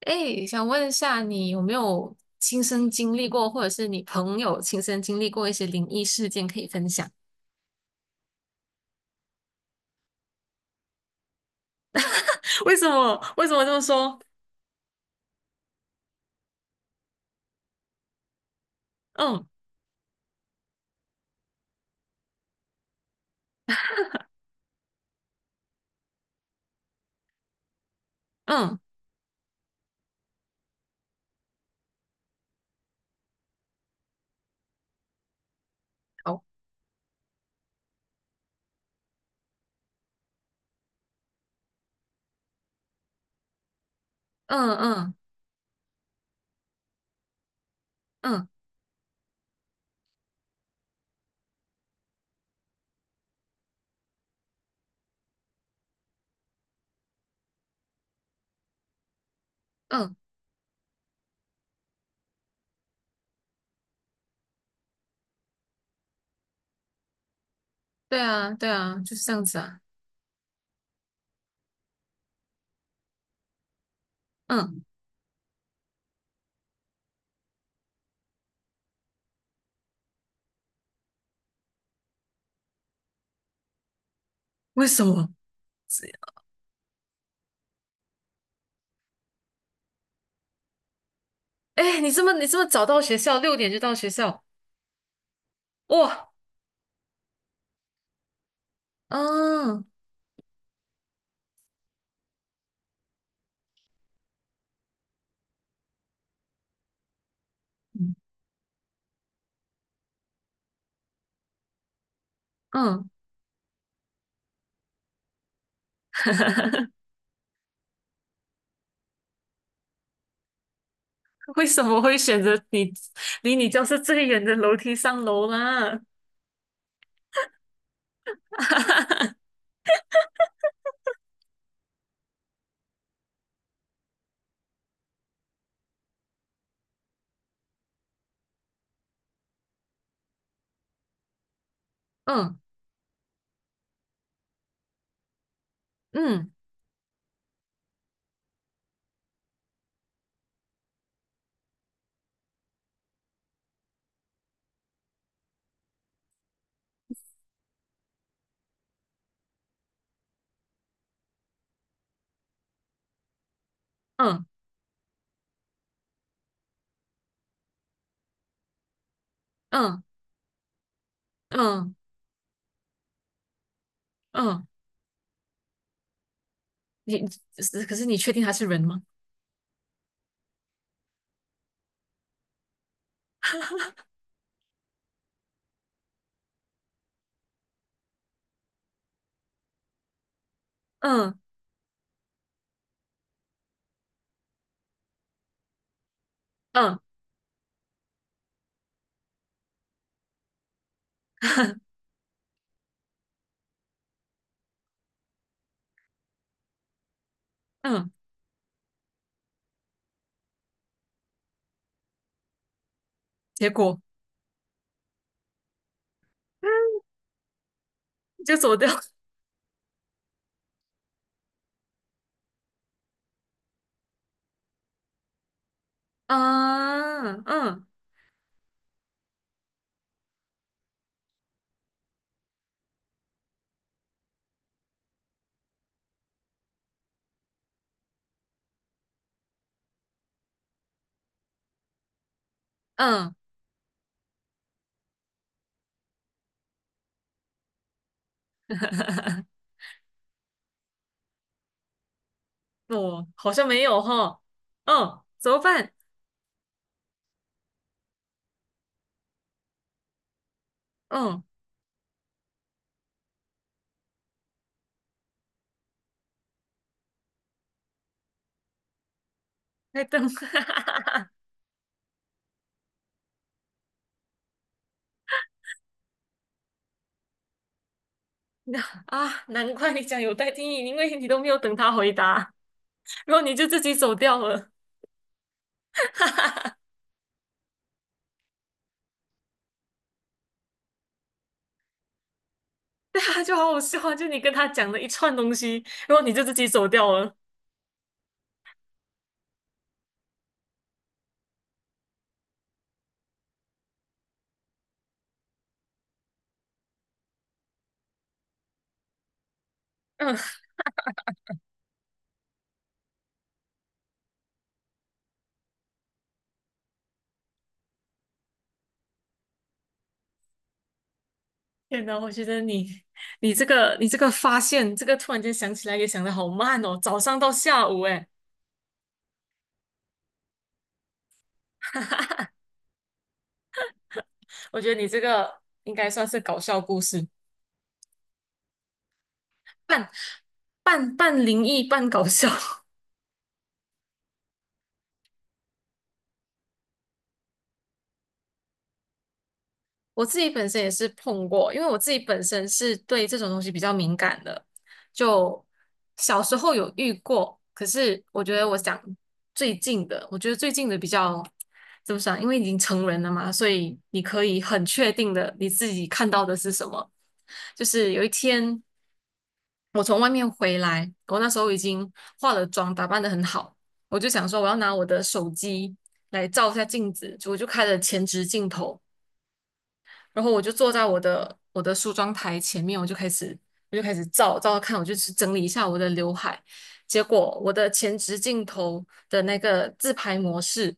哎，想问一下，你有没有亲身经历过，或者是你朋友亲身经历过一些灵异事件可以分享？为什么？为什么这么说？嗯嗯，好，嗯嗯嗯嗯，对啊对啊，就是这样子啊。嗯，为什么？哎，你这么早到学校，6点就到学校，哇，嗯嗯，为什么会选择离你教室最远的楼梯上楼啦？嗯嗯嗯嗯嗯嗯，你是可是你确定他是人吗？嗯嗯 嗯，结果嗯就走掉。嗯嗯嗯，我好像没有哈。嗯，怎么办？嗯，在等。那啊，难怪你讲有待定义，因为你都没有等他回答，然后你就自己走掉了。对啊，就好好笑啊！就你跟他讲了一串东西，然后你就自己走掉了。嗯。天呐，我觉得你这个发现，这个突然间想起来也想得好慢哦，早上到下午哎，我觉得你这个应该算是搞笑故事，半半灵异半搞笑。我自己本身也是碰过，因为我自己本身是对这种东西比较敏感的，就小时候有遇过，可是我觉得最近的比较怎么讲？因为已经成人了嘛，所以你可以很确定的你自己看到的是什么。就是有一天我从外面回来，我那时候已经化了妆，打扮的很好，我就想说我要拿我的手机来照一下镜子，我就开了前置镜头。然后我就坐在我的梳妆台前面，我就开始照照看，我就去整理一下我的刘海。结果我的前置镜头的那个自拍模式，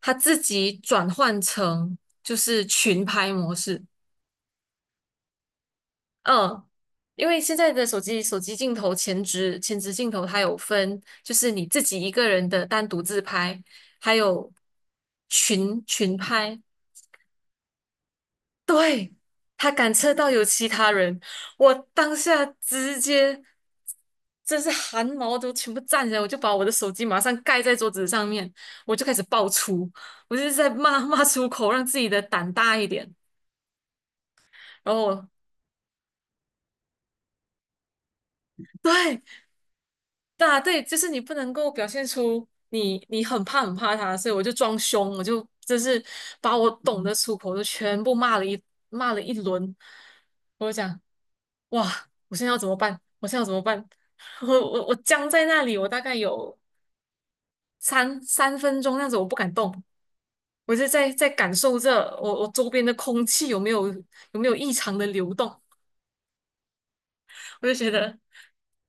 它自己转换成就是群拍模式。嗯，因为现在的手机镜头前置镜头它有分，就是你自己一个人的单独自拍，还有群拍，对，他感测到有其他人，我当下直接，真是汗毛都全部站起来，我就把我的手机马上盖在桌子上面，我就开始爆粗，我就是在骂 骂出口，让自己的胆大一点。然后我对，对啊，对，就是你不能够表现出你很怕很怕他，所以我就装凶，我就把我懂得出口都全部骂了一轮，我就讲，哇，我现在要怎么办？我现在要怎么办？我僵在那里，我大概有三分钟那样子，我不敢动，我就在感受着我周边的空气有没有异常的流动，我就觉得。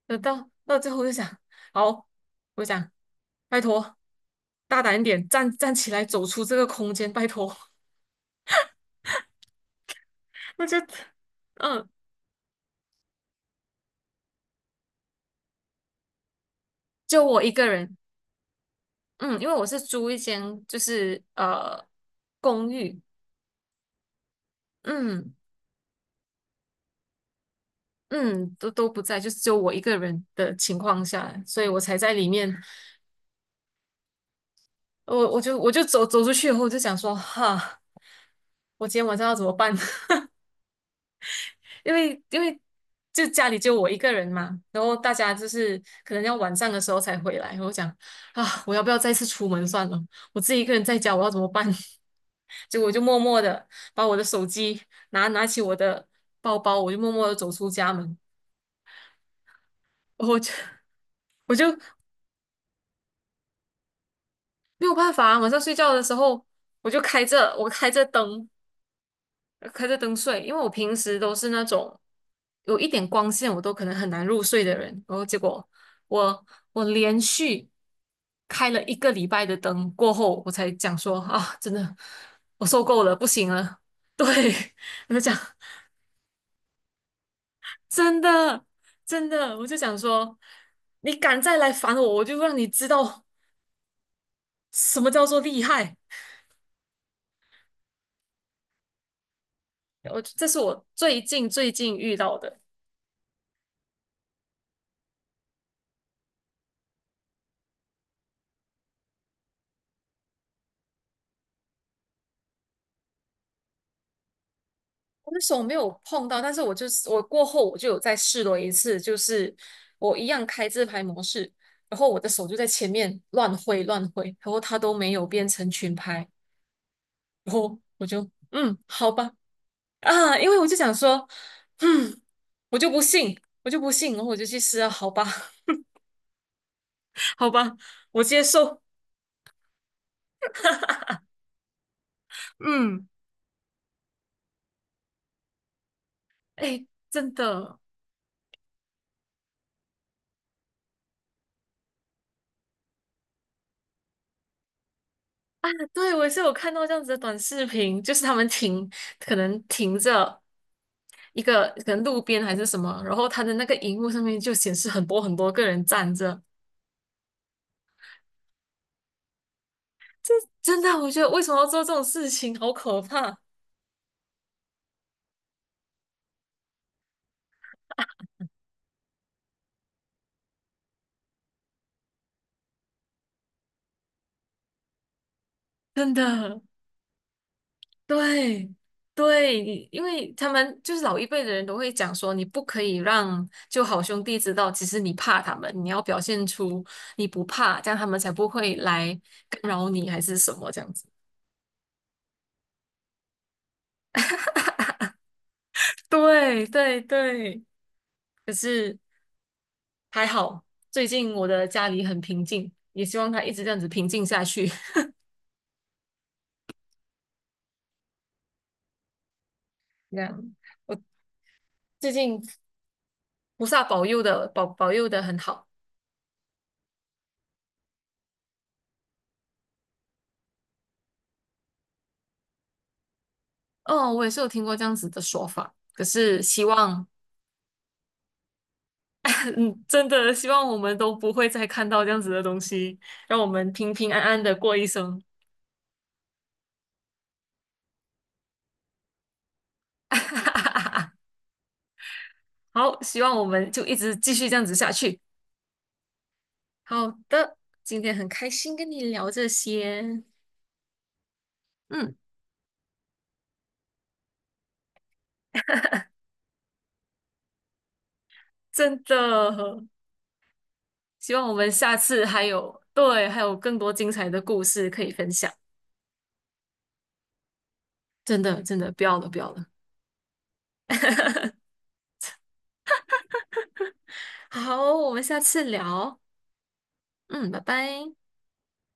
那到最后就想，好，我想，拜托，大胆一点，站起来，走出这个空间，拜托。那就，嗯，就我一个人，嗯，因为我是租一间，就是公寓，嗯嗯，都不在，就是只有我一个人的情况下，所以我才在里面，我就走出去以后，我就想说，哈，我今天晚上要怎么办？因为就家里就我一个人嘛，然后大家就是可能要晚上的时候才回来。我讲啊，我要不要再次出门算了？我自己一个人在家，我要怎么办？结果我就默默的把我的手机拿起我的包包，我就默默的走出家门。我就我就没有办法啊，晚上睡觉的时候我开着灯，开着灯睡，因为我平时都是那种有一点光线我都可能很难入睡的人，然后结果我我连续开了一个礼拜的灯过后，我才讲说啊，真的我受够了，不行了，对，我就讲真的真的，我就想说你敢再来烦我，我就让你知道什么叫做厉害。我这是我最近遇到的。我的手没有碰到，但是我过后我就有再试了一次，就是我一样开自拍模式，然后我的手就在前面乱挥乱挥，然后它都没有变成群拍，然后我就好吧啊，因为我就想说，嗯，我就不信，我就不信，然后我就去试啊，好吧 好吧，我接受，嗯，哎，真的。对，我也是有看到这样子的短视频，就是他们停，可能停着一个可能路边还是什么，然后他的那个荧幕上面就显示很多很多个人站着。真的，我觉得为什么要做这种事情，好可怕！真的，对对，因为他们就是老一辈的人都会讲说，你不可以让就好兄弟知道，其实你怕他们，你要表现出你不怕，这样他们才不会来干扰你还是什么这样子。对对对。可是还好，最近我的家里很平静，也希望它一直这样子平静下去。这样，我最近菩萨保佑的很好。哦，我也是有听过这样子的说法，可是希望，嗯，真的希望我们都不会再看到这样子的东西，让我们平平安安的过一生。好，希望我们就一直继续这样子下去。好的，今天很开心跟你聊这些，嗯，真的。希望我们下次还有，对，还有更多精彩的故事可以分享。真的，真的，不要了，不要了。好，我们下次聊。嗯，拜拜。